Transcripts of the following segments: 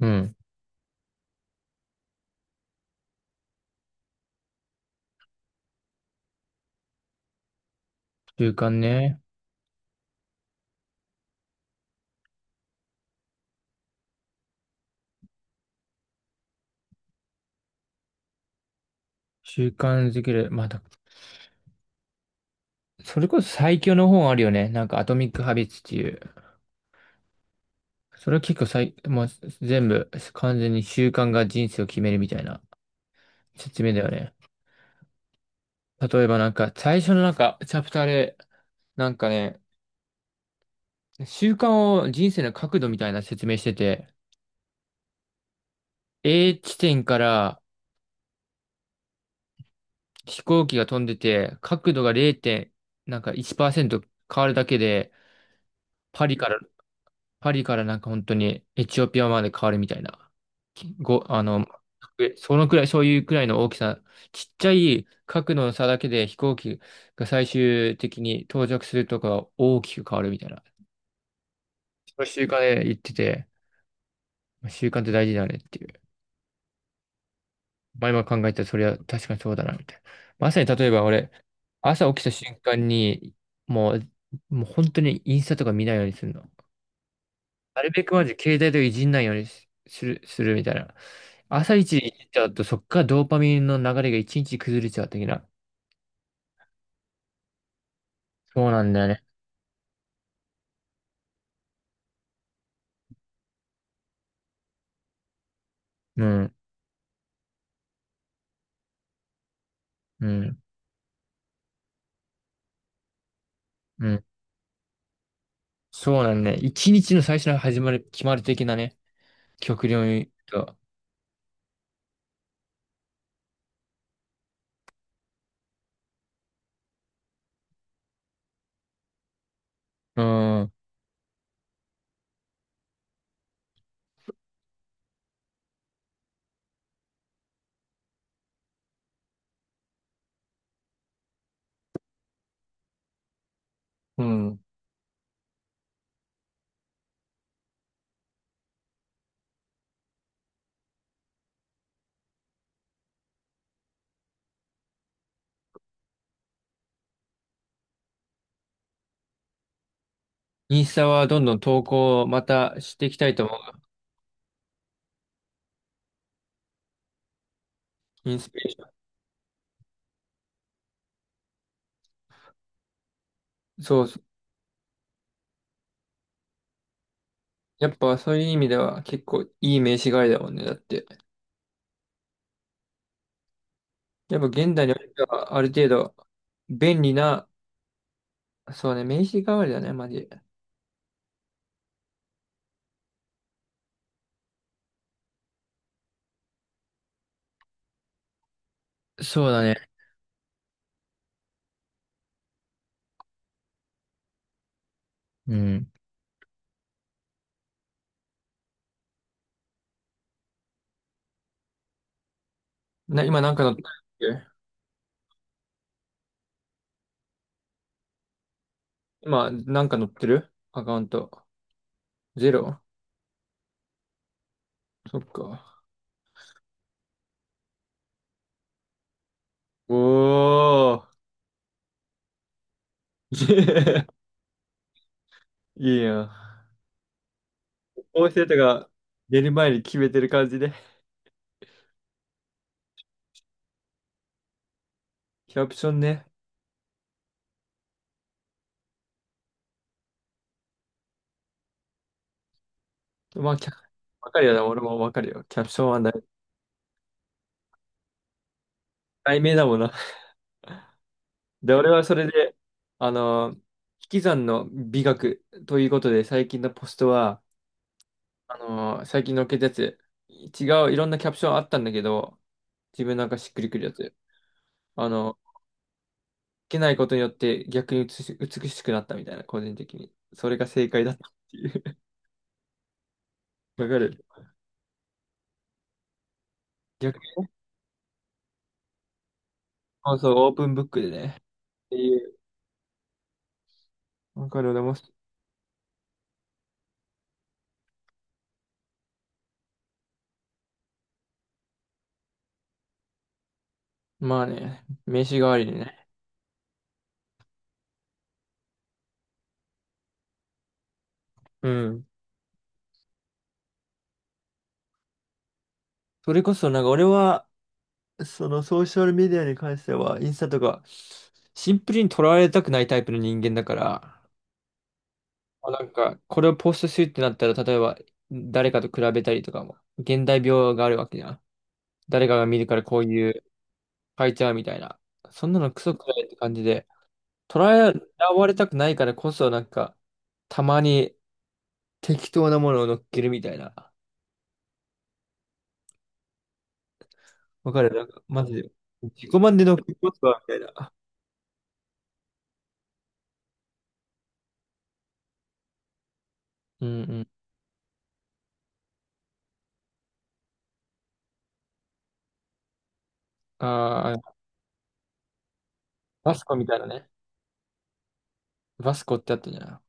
うん。習慣ね。習慣づける。まあだ、それこそ最強の本あるよね。なんか、アトミック・ハビッツっていう。それは結構最、もう全部、完全に習慣が人生を決めるみたいな説明だよね。例えば最初のチャプターで、なんかね、習慣を人生の角度みたいな説明してて、A 地点から飛行機が飛んでて、角度が0点、なんか1%変わるだけで、パリからパリからなんか本当にエチオピアまで変わるみたいな。きご、あの、えそのくらい、そういうくらいの大きさ、ちっちゃい角度の差だけで飛行機が最終的に到着するとか大きく変わるみたいな。その習慣で言ってて、習慣って大事だねっていう。まあ今考えたらそれは確かにそうだなみたいな。まさに例えば俺、朝起きた瞬間に、もう、もう本当にインスタとか見ないようにするの。なるべくまず携帯とかいじんないようにしする、するみたいな。朝一でいじっちゃうと、そっからドーパミンの流れが一日崩れちゃう的な。そうなんだよね。うん、うん、うん。そうなんだね。一日の最初の始まる、決まる的なね。極量に言うと。うん、うん。インスタはどんどん投稿をまたしていきたいと思う。インスピレーション。そうそう。やっぱそういう意味では結構いい名刺代わりだもんね。だって。やっぱ現代においてはある程度便利な、そうね、名刺代わりだね、マジ。そうだね。うん。な、今なんか乗ってるっけ今なんか乗ってるアカウント。ゼロ。そっか。おー。いいやん。ーセ生トが出る前に決めてる感じで。キャプションね。まあ、キャわかるよな、俺もわかるよ。キャプションは大題名だもんな。で、俺はそれで、あのー、引き算の美学ということで、最近のポストは、あのー、最近のっけたやつ、違う、いろんなキャプションあったんだけど、自分なんかしっくりくるやつ。あの、受けないことによって逆に美し、美しくなったみたいな、個人的に。それが正解だったっていう。わかる。逆にね、そうそう、オープンブックでね。っていう。わかる、でも、まあね、名刺代わりにね。うん。それこそ、なんか俺は、そのソーシャルメディアに関しては、インスタとか、シンプルに捉われたくないタイプの人間だから、あなんか、これをポストするってなったら、例えば、誰かと比べたりとかも、現代病があるわけじゃん。誰かが見るからこういう変えちゃうみたいな。そんなのクソくらいって感じで、捉えらわれたくないからこそ、なんか、たまに適当なものを乗っけるみたいな。わかるなんか、マジで。自己満で乗っけますわ、みたいな。うんうん。ああ、バスコみたいなね。バスコってあったじゃん。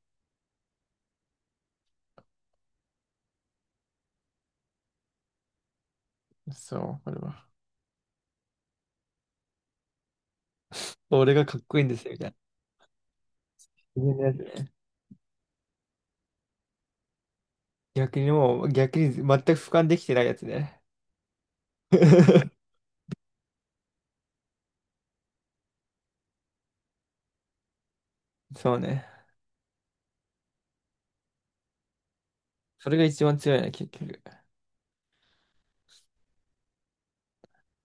そう、これは。俺がかっこいいんですよ、みたいな。自分のやつね。逆にもう、逆に全く俯瞰できてないやつね。そうね。それが一番強いね、結局。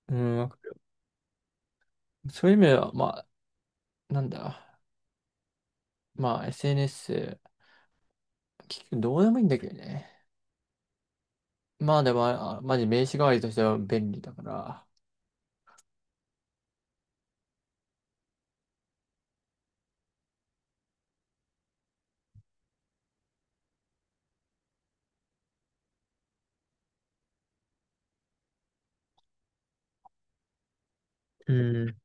うん、わかる。そういう意味では、まあ、なんだ。まあ SNS、結局どうでもいいんだけどね。まあでも、あ、マジ名刺代わりとしては便利だから。うん。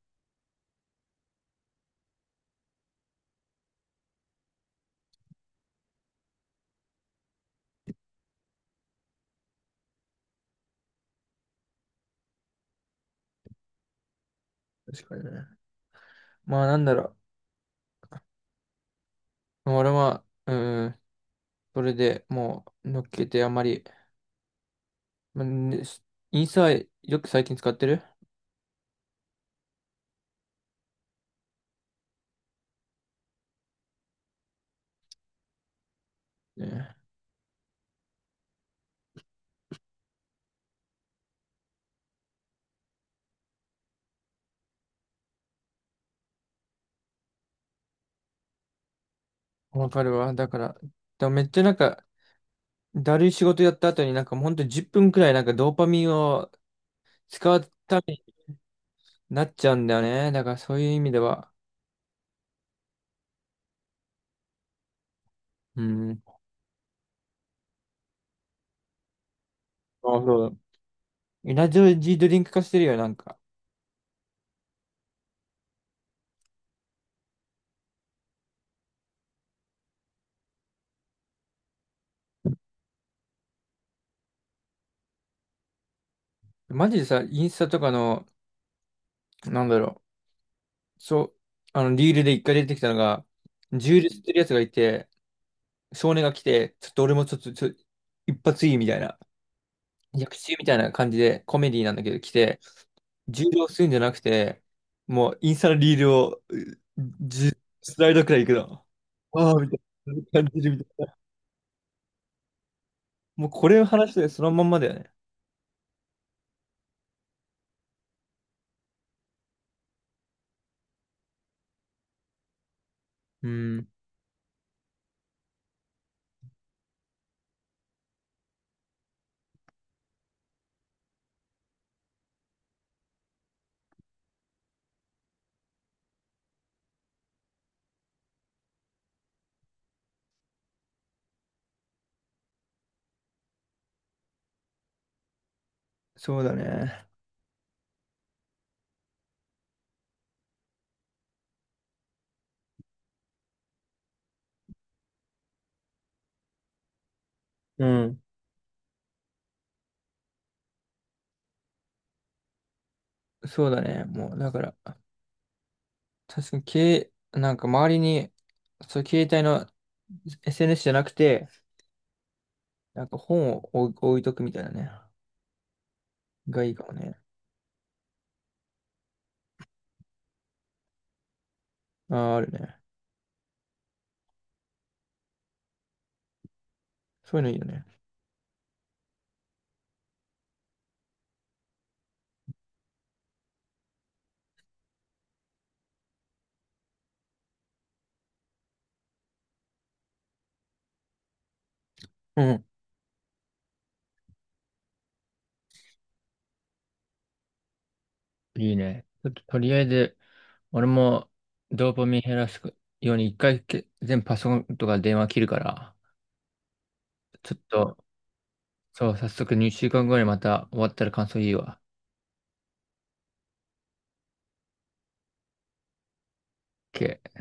確かにね。まあなんだろう。俺は、うん、それでもう乗っけてあんまり、まあね、インスタはよく最近使ってるね。わかるわ。だから、でもめっちゃなんか、だるい仕事やった後になんかほんと10分くらいなんかドーパミンを使うためになっちゃうんだよね。だからそういう意味では、うん。あ、そうだ。エナジードリンク化してるよ、なんか。マジでさ、インスタとかの、なんだろう、そう、あの、リールで一回出てきたのが、銃で吸ってるやつがいて、少年が来て、ちょっと俺もちょっと、ちょ、一発いいみたいな、逆中みたいな感じで、コメディなんだけど来て、重量するんじゃなくて、もうインスタのリールを、うじゅスライドくらいいくの。ああ、みたいな感じるみたいな。もうこれを話してそのまんまだよね。うん、そうだね。うん、そうだね。もう、だから。確かに、けい、なんか周りに、そう、携帯の SNS じゃなくて、なんか本を置いとくみたいなね。がいいかもね。ああ、あるね。そういうのいいよね。うん。いいね。ちょっととりあえず、俺もドーパミン減らすように一回け全部パソコンとか電話切るから、ちょっと、そう、早速2週間後にまた終わったら感想いいわ。OK